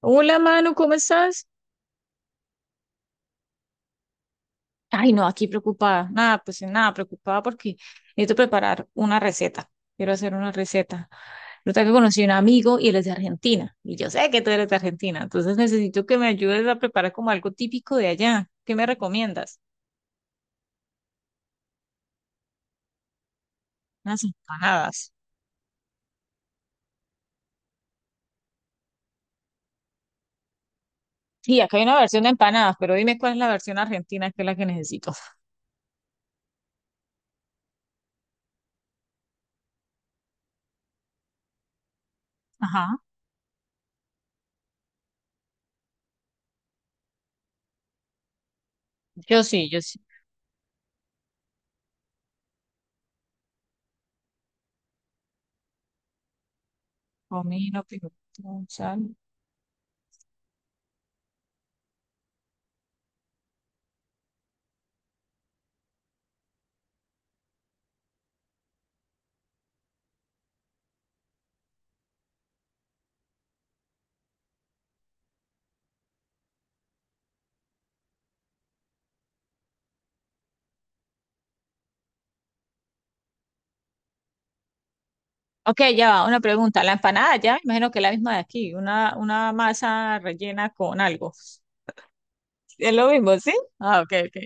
Hola, Manu, ¿cómo estás? Ay, no, aquí preocupada. Nada, pues nada, preocupada porque necesito preparar una receta. Quiero hacer una receta. Resulta que conocí a un amigo y él es de Argentina. Y yo sé que tú eres de Argentina. Entonces necesito que me ayudes a preparar como algo típico de allá. ¿Qué me recomiendas? Unas empanadas. Sí, acá hay una versión de empanadas, pero dime cuál es la versión argentina que es la que necesito. Ajá. Yo sí, yo sí. Comino, pimentón, sal. Ok, ya va, una pregunta. La empanada ya, me imagino que es la misma de aquí, una masa rellena con algo. Es lo mismo, ¿sí? Ah, ok, ok.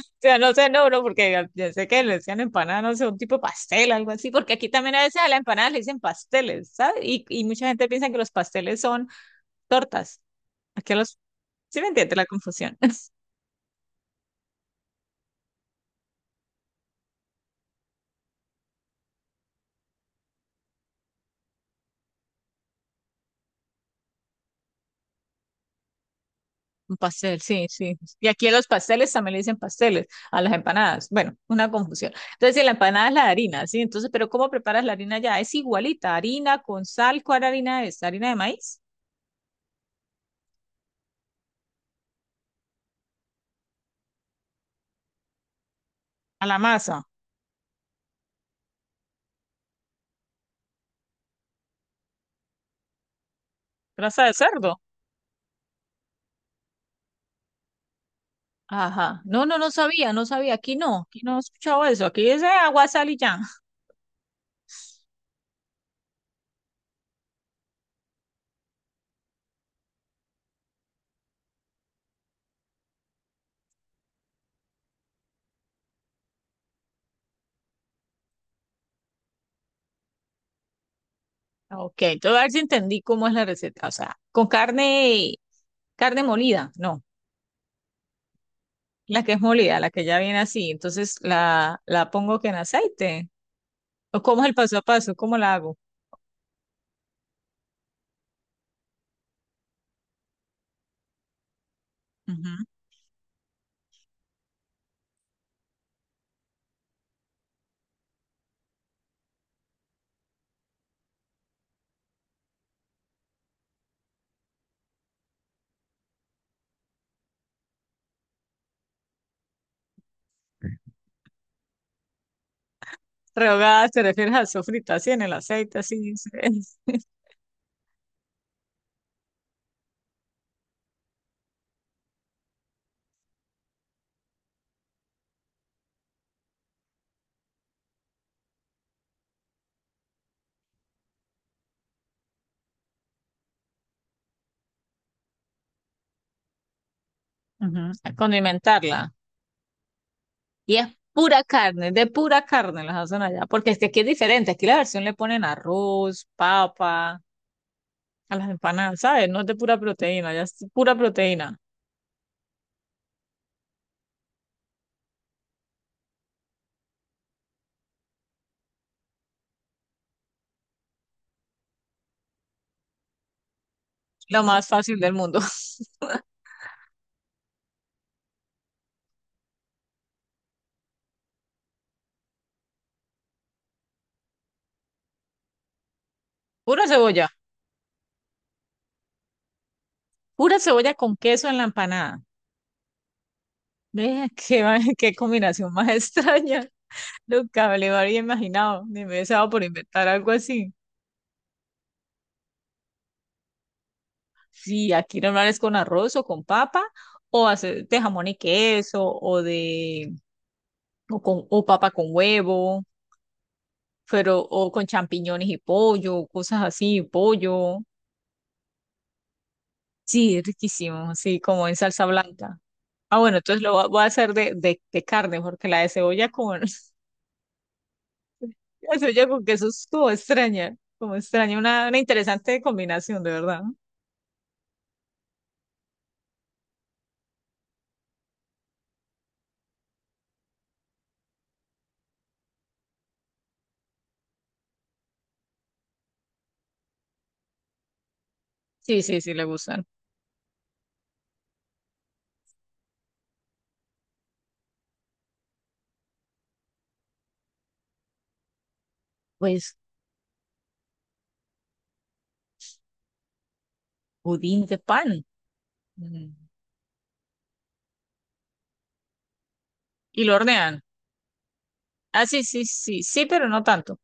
O sea, no sé, no, no, porque ya sé que le decían empanada, no sé, un tipo de pastel, algo así, porque aquí también a veces a la empanada le dicen pasteles, ¿sabes? Y mucha gente piensa que los pasteles son tortas. Aquí los, ¿sí me entiende la confusión? Un pastel, sí, sí. Y aquí a los pasteles también le dicen pasteles, a las empanadas. Bueno, una confusión. Entonces, si la empanada es la harina, ¿sí? Entonces, pero ¿cómo preparas la harina ya? Es igualita, harina con sal, ¿cuál harina es? ¿Harina de maíz? A la masa, grasa de cerdo. Ajá. No, no, no sabía, no sabía. Aquí no he escuchado eso. Aquí es agua, sal y ya. Ah, ok, entonces a ver si entendí cómo es la receta. O sea, con carne, carne molida, no. La que es molida, la que ya viene así. Entonces la pongo que en aceite. ¿O cómo es el paso a paso? ¿Cómo la hago? Ujú. Rehogada, te refieres a sofrita, así en el aceite, así. Sí. Ujú, a condimentarla. Y es pura carne, de pura carne las hacen allá. Porque es que aquí es diferente. Aquí la versión le ponen arroz, papa, a las empanadas, ¿sabes? No es de pura proteína, ya es pura proteína. Lo más fácil del mundo. Pura cebolla. Pura cebolla con queso en la empanada. Vea qué, qué combinación más extraña. Nunca me lo habría imaginado, ni me he deseado por inventar algo así. Sí, aquí normal es con arroz o con papa, o hacer de jamón y queso, o con, o papa con huevo, pero, o con champiñones y pollo, cosas así, pollo. Sí, es riquísimo, sí, como en salsa blanca. Ah, bueno, entonces voy a hacer de, de carne, porque la de cebolla con, la cebolla con queso es como extraña, una interesante combinación, de verdad. Sí, sí, sí, le gustan. Pues, pudín de pan. Mm. Y lo hornean. Ah, sí, sí, sí, sí, pero no tanto.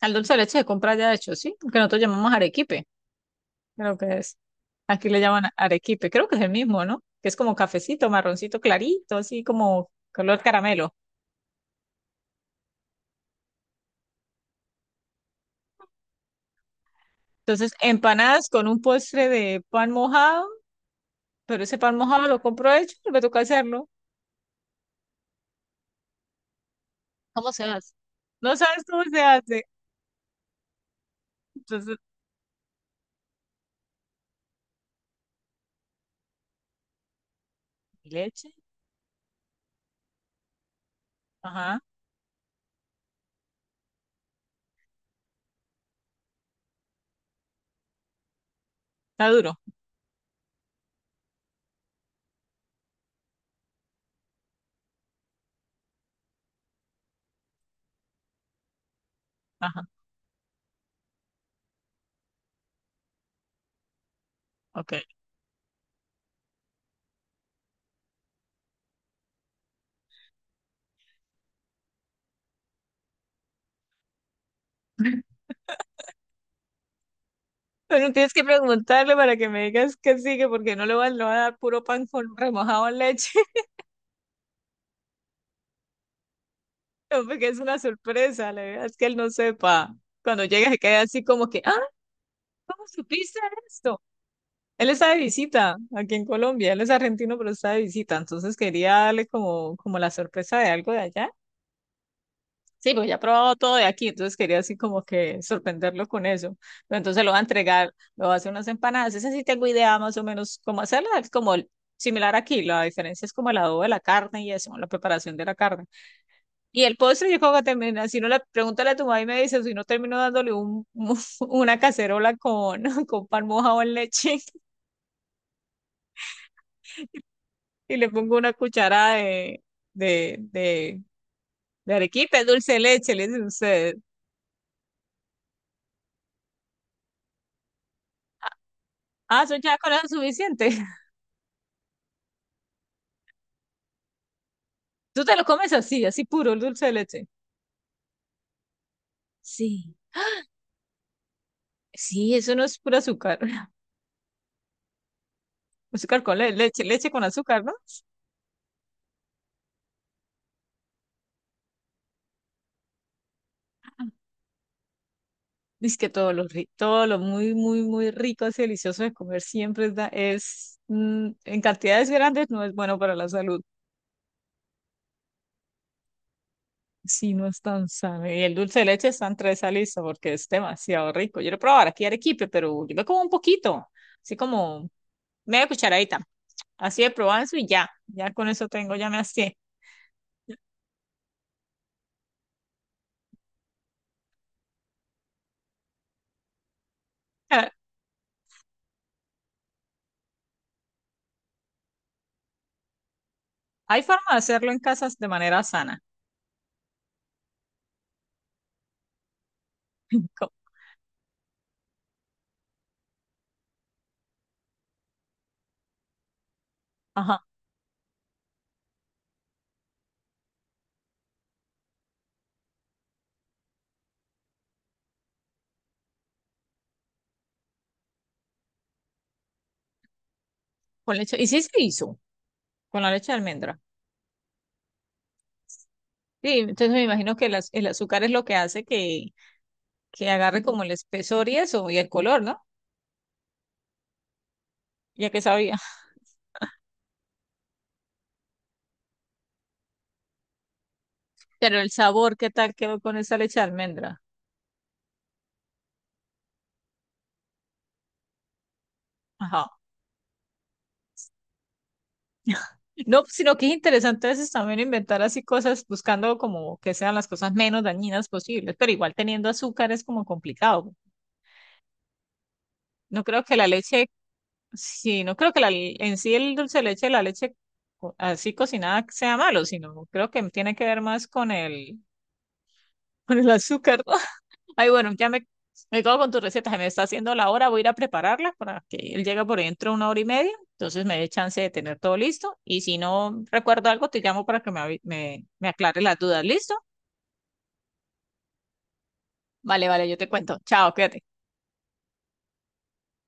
Al dulce de leche se compra ya de hecho, sí, porque nosotros llamamos arequipe, creo que es. Aquí le llaman arequipe, creo que es el mismo, ¿no? Que es como cafecito, marroncito clarito, así como color caramelo. Entonces, empanadas con un postre de pan mojado, pero ese pan mojado lo compro hecho, me toca hacerlo. ¿Cómo se hace? No sabes cómo se hace. Entonces, leche, ajá, está duro, ajá, ok. Bueno, tienes que preguntarle para que me digas qué sigue, porque no le va, le va a dar puro pan con remojado en leche, no, porque es una sorpresa, la verdad es que él no sepa. Cuando llega se queda así como que, ah, ¿cómo supiste esto? Él está de visita aquí en Colombia, él es argentino, pero está de visita, entonces quería darle como, como la sorpresa de algo de allá. Sí, porque ya ha probado todo de aquí, entonces quería así como que sorprenderlo con eso. Pero entonces lo va a entregar, lo va a hacer unas empanadas. Esa sí tengo idea más o menos cómo hacerla, similar aquí. La diferencia es como el adobo de la carne y eso, la preparación de la carne. Y el postre, yo creo que termina, si no le pregúntale a tu mamá y me dice, si no termino dándole un, una cacerola con, con pan mojado en leche y le pongo una cucharada de, de, de, de arequipe, dulce de leche, le dicen ustedes. Ah, eso ya con eso es suficiente. Tú te lo comes así, así puro, el dulce de leche. Sí. Sí, eso no es puro azúcar. Azúcar con leche, leche con azúcar, ¿no? Dice que todo lo, todo lo muy, muy, muy rico, así delicioso de comer siempre es, es, en cantidades grandes no es bueno para la salud. Sí, no es tan sano. Y el dulce de leche está entre esa lista porque es demasiado rico. Yo lo probaba aquí en Arequipe, pero yo me como un poquito, así como media cucharadita, así de probanzo y ya, ya con eso tengo, ya me hastié. Hay forma de hacerlo en casas de manera sana. Co- ajá, con leche. Y sí se hizo, con la leche de almendra. Sí, entonces me imagino que el azúcar es lo que hace que agarre como el espesor y eso, y el color, ¿no? Ya que sabía. Pero el sabor, ¿qué tal quedó con esa leche de almendra? Ajá. No, pues, sino que es interesante a veces también inventar así cosas buscando como que sean las cosas menos dañinas posibles, pero igual teniendo azúcar es como complicado. No creo que la leche sí, no creo que la, en sí el dulce de leche, así cocinada sea malo, sino creo que tiene que ver más con el, con el azúcar, ¿no? Ay, bueno, ya me quedo con tu receta, se me está haciendo la hora, voy a ir a prepararla para que él llegue por dentro de una hora y media, entonces me dé chance de tener todo listo y si no recuerdo algo, te llamo para que me, me, me aclare las dudas, ¿listo? Vale, vale, yo te cuento. Chao, cuídate.